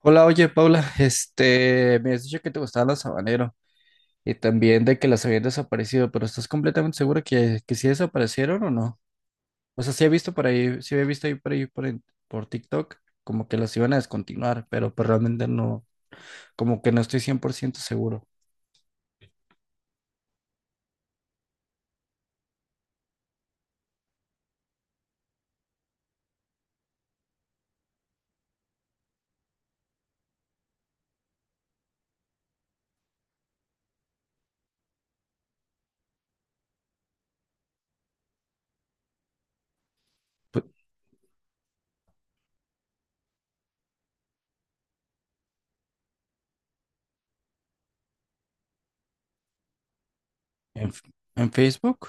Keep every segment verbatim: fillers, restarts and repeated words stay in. Hola, oye Paula, este, me has dicho que te gustaban los habaneros y también de que las habían desaparecido, pero ¿estás completamente segura que, que sí desaparecieron o no? O sea, sí he visto por ahí, sí he visto ahí por ahí por, en- por TikTok como que las iban a descontinuar, pero pues realmente no, como que no estoy cien por ciento seguro. Pues, ¿En, F- en Facebook?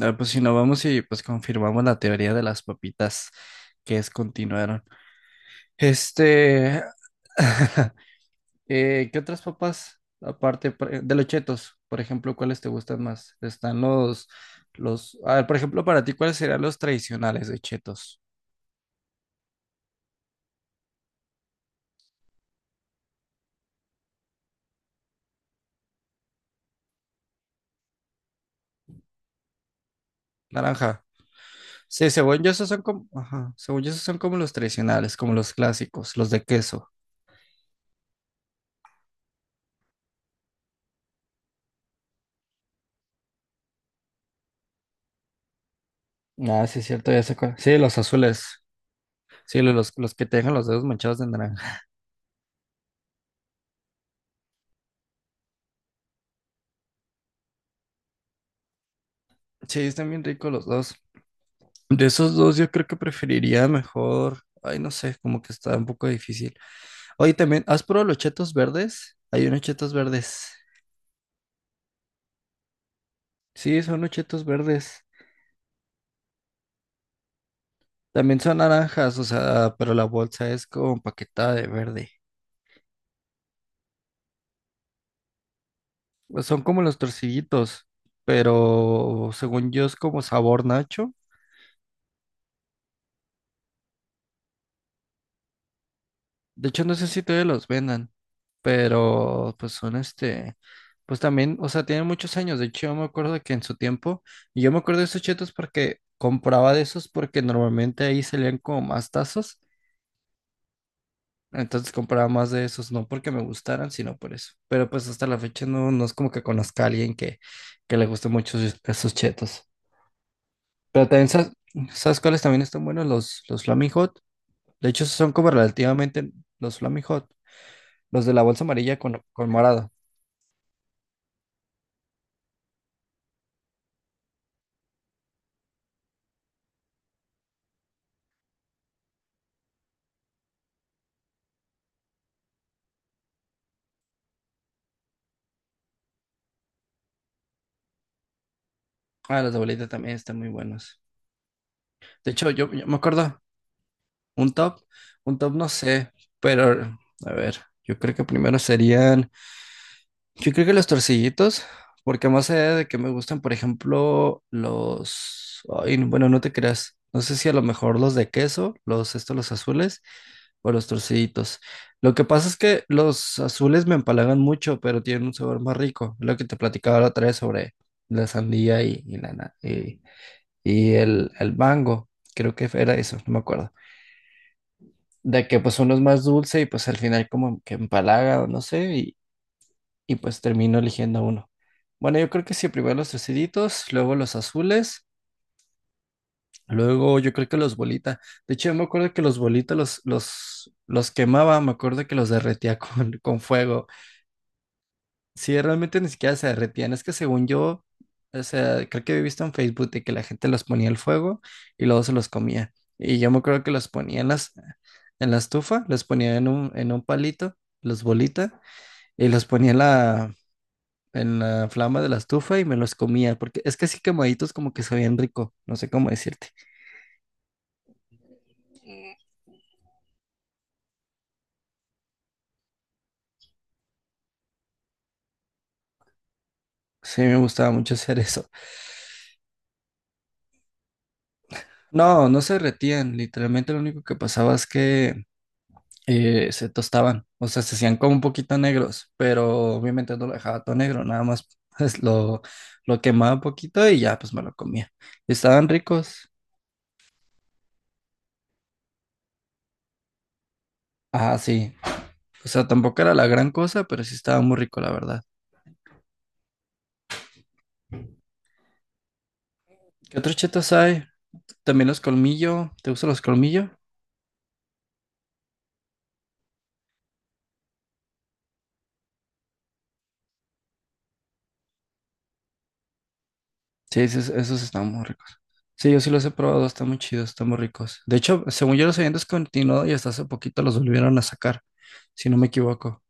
Ah, pues si no vamos y pues confirmamos la teoría de las papitas que descontinuaron. Este. Eh, ¿qué otras papas, aparte por- de los chetos, por ejemplo, cuáles te gustan más? Están los, los, a ver, por ejemplo, para ti, ¿cuáles serían los tradicionales de chetos? Naranja. Sí, según yo, esos son como, ajá, según yo, esos son como los tradicionales, como los clásicos, los de queso. Ah, sí, es cierto, ya sé cuál. Sí, los azules. Sí, los, los los que te dejan los dedos manchados de naranja. Sí, están bien ricos los dos. De esos dos, yo creo que preferiría mejor. Ay, no sé, como que está un poco difícil. Oye, también, ¿has probado los chetos verdes? Hay unos chetos verdes. Sí, son los chetos verdes. También son naranjas, o sea, pero la bolsa es como empaquetada de verde. Pues son como los torcillitos, pero según yo es como sabor nacho. De hecho, no sé si todavía los vendan, pero pues son este, pues también, o sea, tienen muchos años. De hecho, yo me acuerdo que en su tiempo, y yo me acuerdo de esos chetos porque compraba de esos porque normalmente ahí salían como más tazos. Entonces compraba más de esos, no porque me gustaran, sino por eso. Pero pues hasta la fecha no, no es como que conozca a alguien que, que le guste mucho esos esos chetos. Pero también, ¿sabes, ¿sabes cuáles también están buenos? Los, los Flaming Hot. De hecho, son como relativamente los Flaming Hot, los de la bolsa amarilla con, con morado. Ah, los de bolita también están muy buenos. De hecho, yo, yo me acuerdo, un top, un top no sé, pero a ver, yo creo que primero serían, yo creo que los torcillitos, porque más allá de que me gustan, por ejemplo, los, ay, no, bueno, no te creas, no sé si a lo mejor los de queso, los estos, los azules, o los torcillitos. Lo que pasa es que los azules me empalagan mucho, pero tienen un sabor más rico, lo que te platicaba la otra vez sobre la sandía y, y la na- y, y el, el mango, creo que era eso, no me acuerdo, de que pues uno es más dulce y pues al final como que empalaga o no sé, y, y pues termino eligiendo uno. Bueno, yo creo que sí, primero los triceditos, luego los azules, luego yo creo que los bolita. De hecho, yo me acuerdo que los bolitas los, los, los quemaba, me acuerdo que los derretía con, con fuego. Sí, realmente ni siquiera se derretían. Es que según yo, o sea, creo que he visto en Facebook de que la gente los ponía al fuego y luego se los comía. Y yo me acuerdo que los ponía en las, en la estufa, los ponía en un, en un palito, los bolita, y los ponía en la, en la flama de la estufa y me los comía. Porque es que así quemaditos como que sabían rico, no sé cómo decirte. Sí, me gustaba mucho hacer eso. No, no se derretían. Literalmente lo único que pasaba es que eh, se tostaban, o sea, se hacían como un poquito negros, pero obviamente no lo dejaba todo negro, nada más pues, lo, lo quemaba un poquito y ya pues me lo comía. Estaban ricos. Ah, sí. O sea, tampoco era la gran cosa, pero sí estaba muy rico, la verdad. ¿Qué otros chetos hay? También los colmillo. ¿Te gustan los colmillo? Sí, esos, esos están muy ricos. Sí, yo sí los he probado, están muy chidos, están muy ricos. De hecho, según yo los habían descontinuado y hasta hace poquito los volvieron a sacar, si no me equivoco.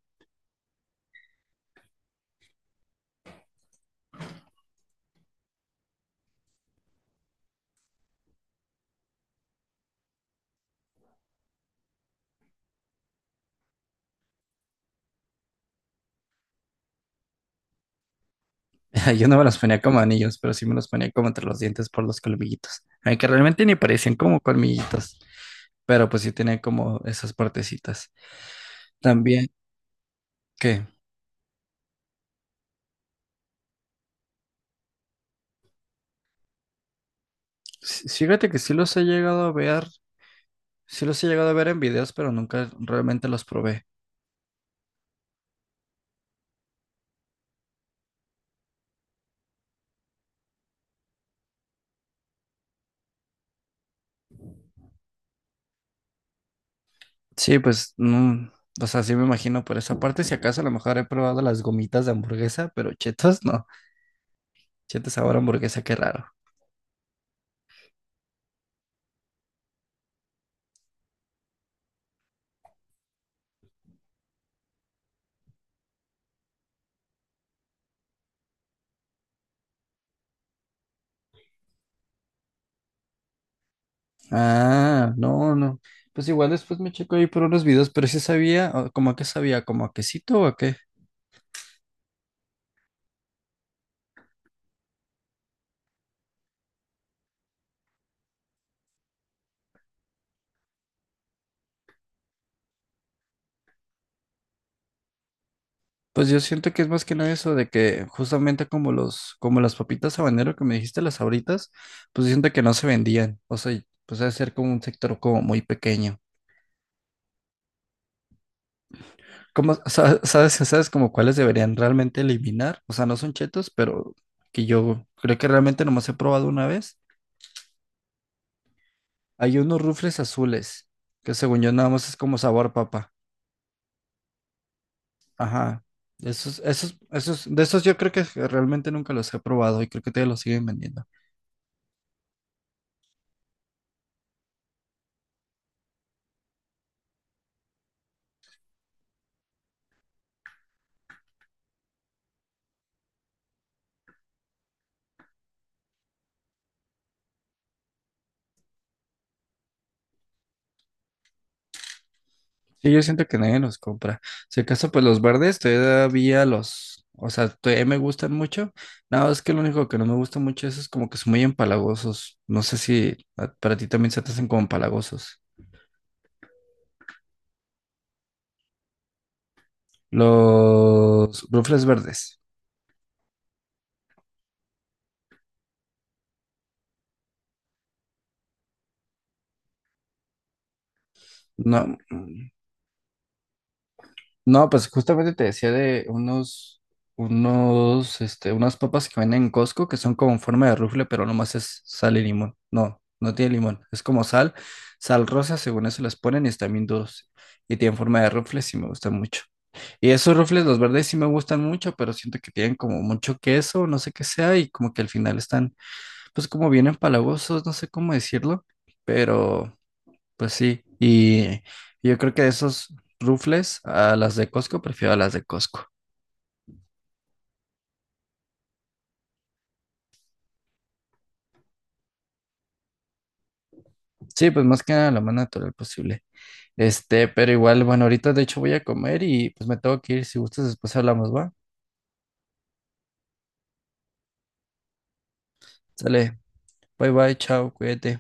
Yo no me los ponía como anillos, pero sí me los ponía como entre los dientes por los colmillitos. Aunque realmente ni parecían como colmillitos, pero pues sí tenían como esas partecitas. También que, sí- fíjate que sí los he llegado a ver, sí los he llegado a ver en videos, pero nunca realmente los probé. Sí, pues no, o sea, sí me imagino por esa parte, si acaso a lo mejor he probado las gomitas de hamburguesa, pero chetos no, chetos sabor a hamburguesa, qué raro. Ah, no, no. Pues igual después me checo ahí por unos videos, pero sí sabía, o- como qué sabía, como a quesito o a qué. Pues yo siento que es más que nada eso de que justamente como los, como las papitas habanero que me dijiste, las Sabritas, pues siento que no se vendían. O sea, pues debe ser como un sector como muy pequeño. ¿Cómo sa- sabes, sabes como cuáles deberían realmente eliminar? O sea, no son chetos, pero que yo creo que realmente nomás he probado una vez. Hay unos rufles azules, que según yo nada más es como sabor papa. Ajá. Esos, esos, esos, de esos yo creo que realmente nunca los he probado y creo que todavía los siguen vendiendo. Sí, yo siento que nadie los compra. Si acaso, pues los verdes todavía los, o sea, todavía me gustan mucho. Nada más que lo único que no me gusta mucho es, es como que son muy empalagosos. No sé si a- para ti también se te hacen como empalagosos. Los rufles verdes. No. No, pues justamente te decía de unos, unos, este, unas papas que venden en Costco que son como en forma de rufle, pero nomás es sal y limón. No, no tiene limón. Es como sal, sal rosa, según eso las ponen y están bien duros. Y tienen forma de rufles sí me gustan mucho. Y esos rufles, los verdes sí me gustan mucho, pero siento que tienen como mucho queso, no sé qué sea, y como que al final están, pues como bien empalagosos, no sé cómo decirlo, pero... Pues sí, y yo creo que de esos rufles a las de Costco, prefiero a las de Costco. Sí, pues más que nada lo más natural posible. Este, pero igual, bueno, ahorita de hecho voy a comer y pues me tengo que ir. Si gustas, después hablamos, ¿va? Sale, bye bye, chao, cuídate.